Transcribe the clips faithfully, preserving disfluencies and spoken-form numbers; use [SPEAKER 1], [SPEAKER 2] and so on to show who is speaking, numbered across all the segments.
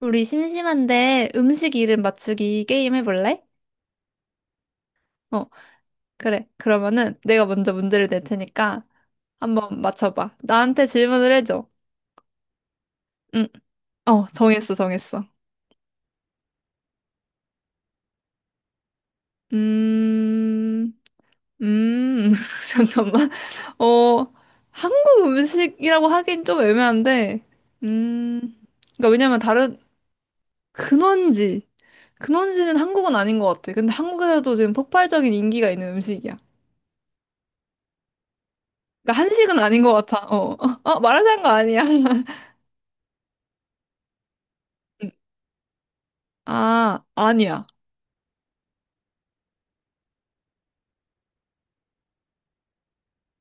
[SPEAKER 1] 우리 심심한데 음식 이름 맞추기 게임 해볼래? 어, 그래. 그러면은 내가 먼저 문제를 낼 테니까 한번 맞춰봐. 나한테 질문을 해줘. 응, 어, 정했어, 정했어. 음, 음, 잠깐만. 어, 한국 음식이라고 하긴 좀 애매한데, 음, 그러니까 왜냐면 다른 근원지, 근원지는 한국은 아닌 것 같아. 근데 한국에서도 지금 폭발적인 인기가 있는 음식이야. 그러니까 한식은 아닌 것 같아. 어, 어, 마라샹궈 아니야. 음. 아, 아니야.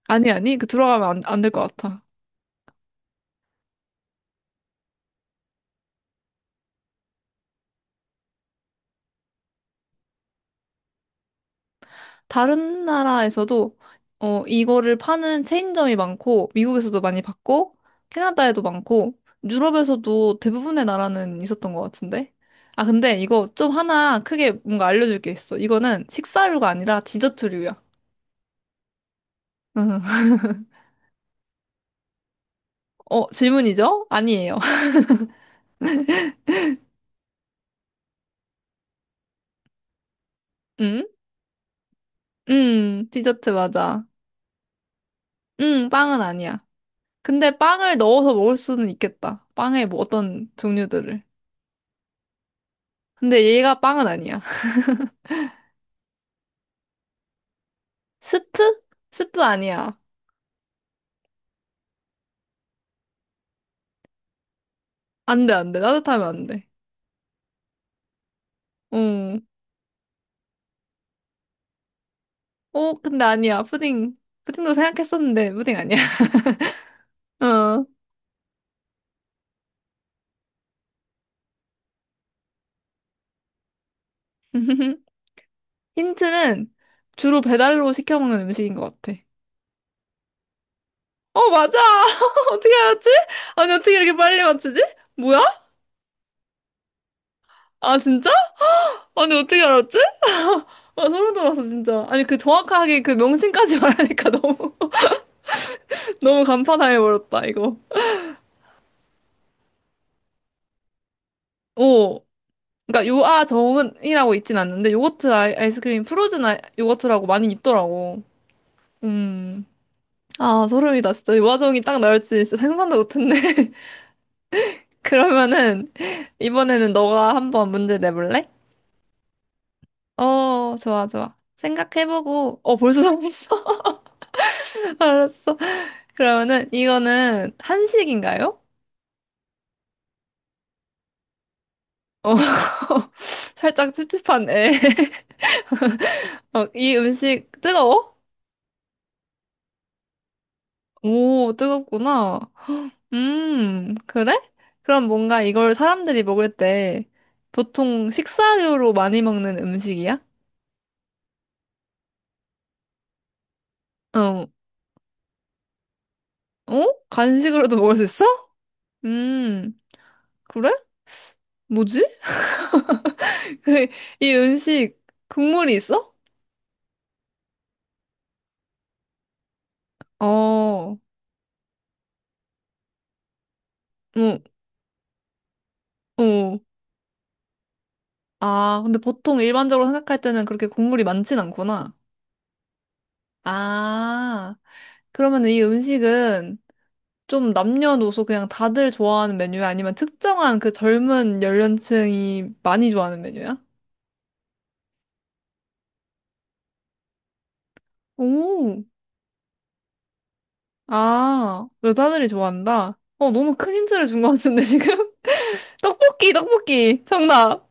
[SPEAKER 1] 아니, 아니. 그 들어가면 안, 안 될 것 같아. 다른 나라에서도 어, 이거를 파는 체인점이 많고, 미국에서도 많이 봤고, 캐나다에도 많고, 유럽에서도 대부분의 나라는 있었던 것 같은데. 아, 근데 이거 좀 하나 크게 뭔가 알려줄 게 있어. 이거는 식사류가 아니라 디저트류야. 음. 어, 질문이죠? 아니에요. 음? 음, 디저트 맞아. 음, 빵은 아니야. 근데 빵을 넣어서 먹을 수는 있겠다. 빵에 뭐 어떤 종류들을. 근데 얘가 빵은 아니야. 스프? 스프 아니야. 안 돼, 안 돼. 따뜻하면 안 돼. 응. 어, 근데 아니야. 푸딩. 푸딩도 생각했었는데, 푸딩 아니야. 어. 힌트는 주로 배달로 시켜 먹는 음식인 것 같아. 어, 맞아! 어떻게 알았지? 아니, 어떻게 이렇게 빨리 맞추지? 뭐야? 아, 진짜? 아니, 어떻게 알았지? 아, 소름 돋았어, 진짜. 아니, 그 정확하게 그 명칭까지 말하니까 너무, 너무 간판당해버렸다, 이거. 오. 그러니까 요아정은이라고 있진 않는데, 요거트 아이, 아이스크림, 프로즌 아이, 요거트라고 많이 있더라고. 음. 아, 소름이다, 진짜. 요아정이 딱 나올지 진짜 상상도 못했네. 그러면은, 이번에는 너가 한번 문제 내볼래? 어, 좋아, 좋아. 생각해보고, 어, 벌써 정했어? 알았어. 그러면은, 이거는 한식인가요? 어, 살짝 찝찝하네. 어, 이 음식 뜨거워? 오, 뜨겁구나. 음, 그래? 그럼 뭔가 이걸 사람들이 먹을 때 보통 식사료로 많이 먹는 음식이야? 어, 어? 간식으로도 먹을 수 있어? 음, 그래? 뭐지? 그래, 이 음식 국물이 있어? 어, 어, 어. 아, 근데 보통 일반적으로 생각할 때는 그렇게 국물이 많진 않구나. 아. 그러면 이 음식은 좀 남녀노소 그냥 다들 좋아하는 메뉴야? 아니면 특정한 그 젊은 연령층이 많이 좋아하는 메뉴야? 오, 아, 여자들이 좋아한다? 어, 너무 큰 힌트를 준 것 같은데, 지금? 떡볶이, 떡볶이! 정답!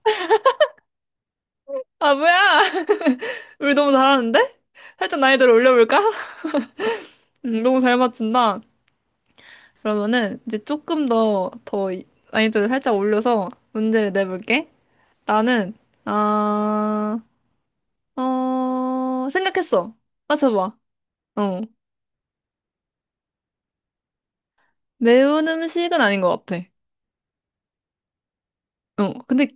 [SPEAKER 1] 아, 뭐야! 우리 너무 잘하는데? 살짝 난이도를 올려볼까? 음, 너무 잘 맞춘다. 그러면은 이제 조금 더, 더 이- 난이도를 살짝 올려서 문제를 내볼게. 나는, 아, 어, 생각했어. 맞춰봐. 어. 매운 음식은 아닌 것 같아. 어. 근데,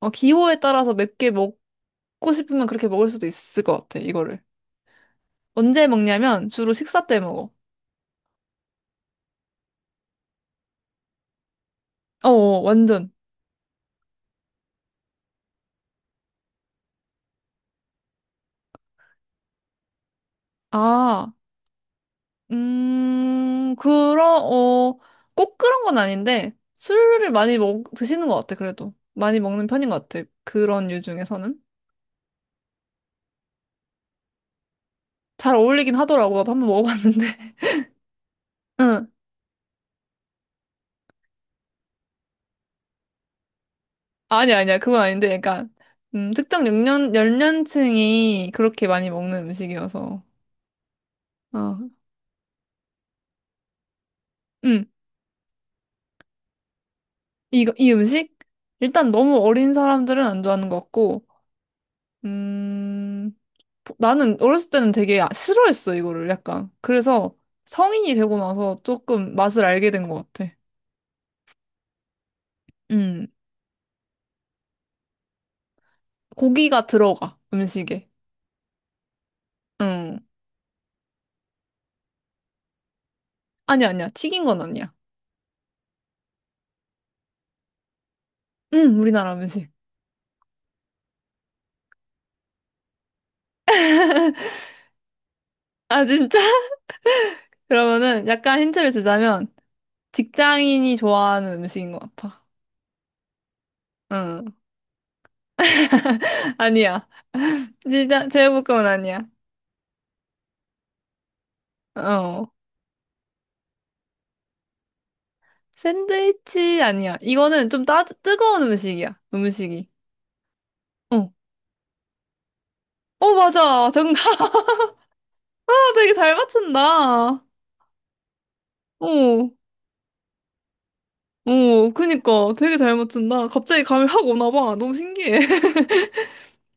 [SPEAKER 1] 어, 기호에 따라서 몇 개 먹고 싶으면 그렇게 먹을 수도 있을 것 같아, 이거를. 언제 먹냐면, 주로 식사 때 먹어. 어, 어, 완전. 아, 음, 그런, 어, 꼭 그런 건 아닌데, 술을 많이 먹, 드시는 것 같아, 그래도. 많이 먹는 편인 것 같아. 그런 류 중에서는. 잘 어울리긴 하더라고. 나도 한번 먹어봤는데. 아니, 아니야. 그건 아닌데, 약간, 음, 특정 연령, 연령층이 그렇게 많이 먹는 음식이어서. 어, 음, 이거, 이 음식? 일단 너무 어린 사람들은 안 좋아하는 것 같고, 음, 보- 나는 어렸을 때는 되게 아- 싫어했어, 이거를 약간. 그래서 성인이 되고 나서 조금 맛을 알게 된 것 같아. 음, 고기가 들어가, 음식에. 음, 아니야, 아니야. 튀긴 건 아니야. 음, 우리나라 음식. 아, 진짜? 그러면은 약간 힌트를 주자면, 직장인이 좋아하는 음식인 것 같아. 응. 아니야. 진짜 제육볶음은 아니야. 어. 샌드위치 아니야. 이거는 좀 따, 뜨거운 음식이야. 음식이. 어. 어, 맞아. 정답. 되게 잘 맞춘다. 어. 어, 그니까. 되게 잘 맞춘다. 갑자기 감이 확 오나 봐. 너무 신기해.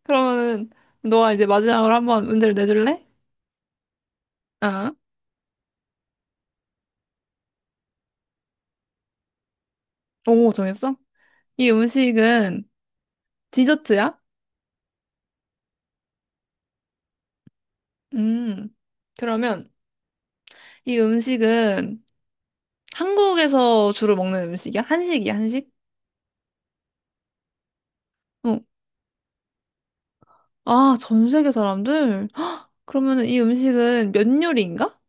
[SPEAKER 1] 그러면은, 너가 이제 마지막으로 한번 문제를 내줄래? 어. 오, 정했어? 이 음식은 디저트야? 음. 그러면, 이 음식은 한국에서 주로 먹는 음식이야? 한식이야, 한식? 어. 아, 전 세계 사람들? 헉, 그러면 이 음식은 면 요리인가?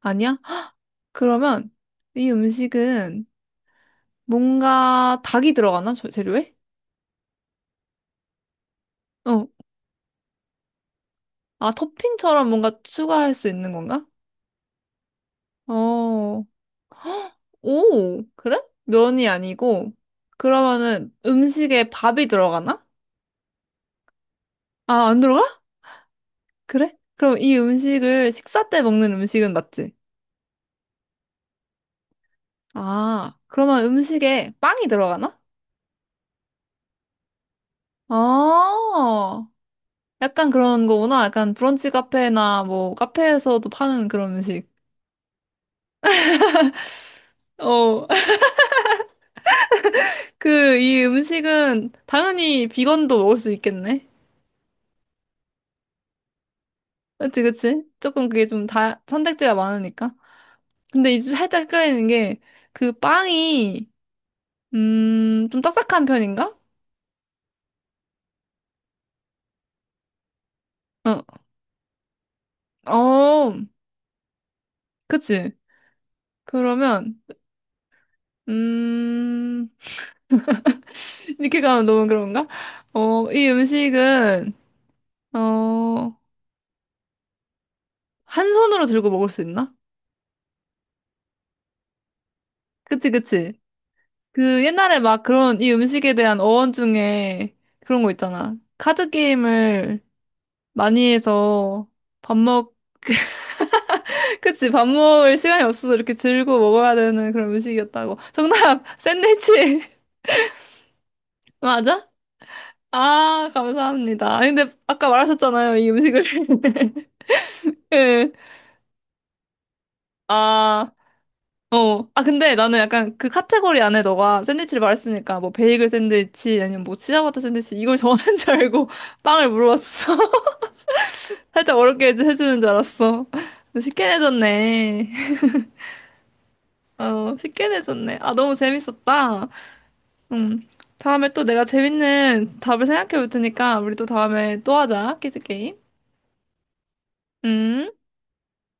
[SPEAKER 1] 아니야? 헉, 그러면 이 음식은 뭔가 닭이 들어가나? 저- 재료에? 어. 아, 토핑처럼 뭔가 추가할 수 있는 건가? 어. 오, 그래? 면이 아니고. 그러면은 음식에 밥이 들어가나? 아, 안 들어가? 그래? 그럼 이 음식을 식사 때 먹는 음식은 맞지? 아, 그러면 음식에 빵이 들어가나? 아, 약간 그런 거구나. 약간 브런치 카페나 뭐 카페에서도 파는 그런 음식. 어, 그, 이 음식은 당연히 비건도 먹을 수 있겠네. 그치, 그치? 조금 그게 좀 다, 선택지가 많으니까. 근데 이제 살짝 헷갈리는 게, 그 빵이, 음, 좀 딱딱한 편인가? 어, 어, 그치. 그러면, 음, 이렇게 가면 너무 그런가? 어, 이 음식은, 어, 한 손으로 들고 먹을 수 있나? 그치, 그치. 그 옛날에 막 그런 이 음식에 대한 어원 중에 그런 거 있잖아. 카드 게임을 많이 해서 밥 먹, 그치, 밥 먹을 시간이 없어서 이렇게 들고 먹어야 되는 그런 음식이었다고. 정답! 샌드위치! 맞아? 아, 감사합니다. 아니, 근데 아까 말하셨잖아요. 이 음식을. 예. 아. 어. 아, 근데 나는 약간 그 카테고리 안에 너가 샌드위치를 말했으니까 뭐 베이글 샌드위치 아니면 뭐 치아바타 샌드위치 이걸 정하는 줄 알고 빵을 물어봤어. 살짝 어렵게 해주- 해주는 줄 알았어. 쉽게 내줬네. 어, 쉽게 내줬네. 아, 너무 재밌었다. 음. 다음에 또 내가 재밌는 답을 생각해 볼 테니까 우리 또 다음에 또 하자. 퀴즈 게임. 음.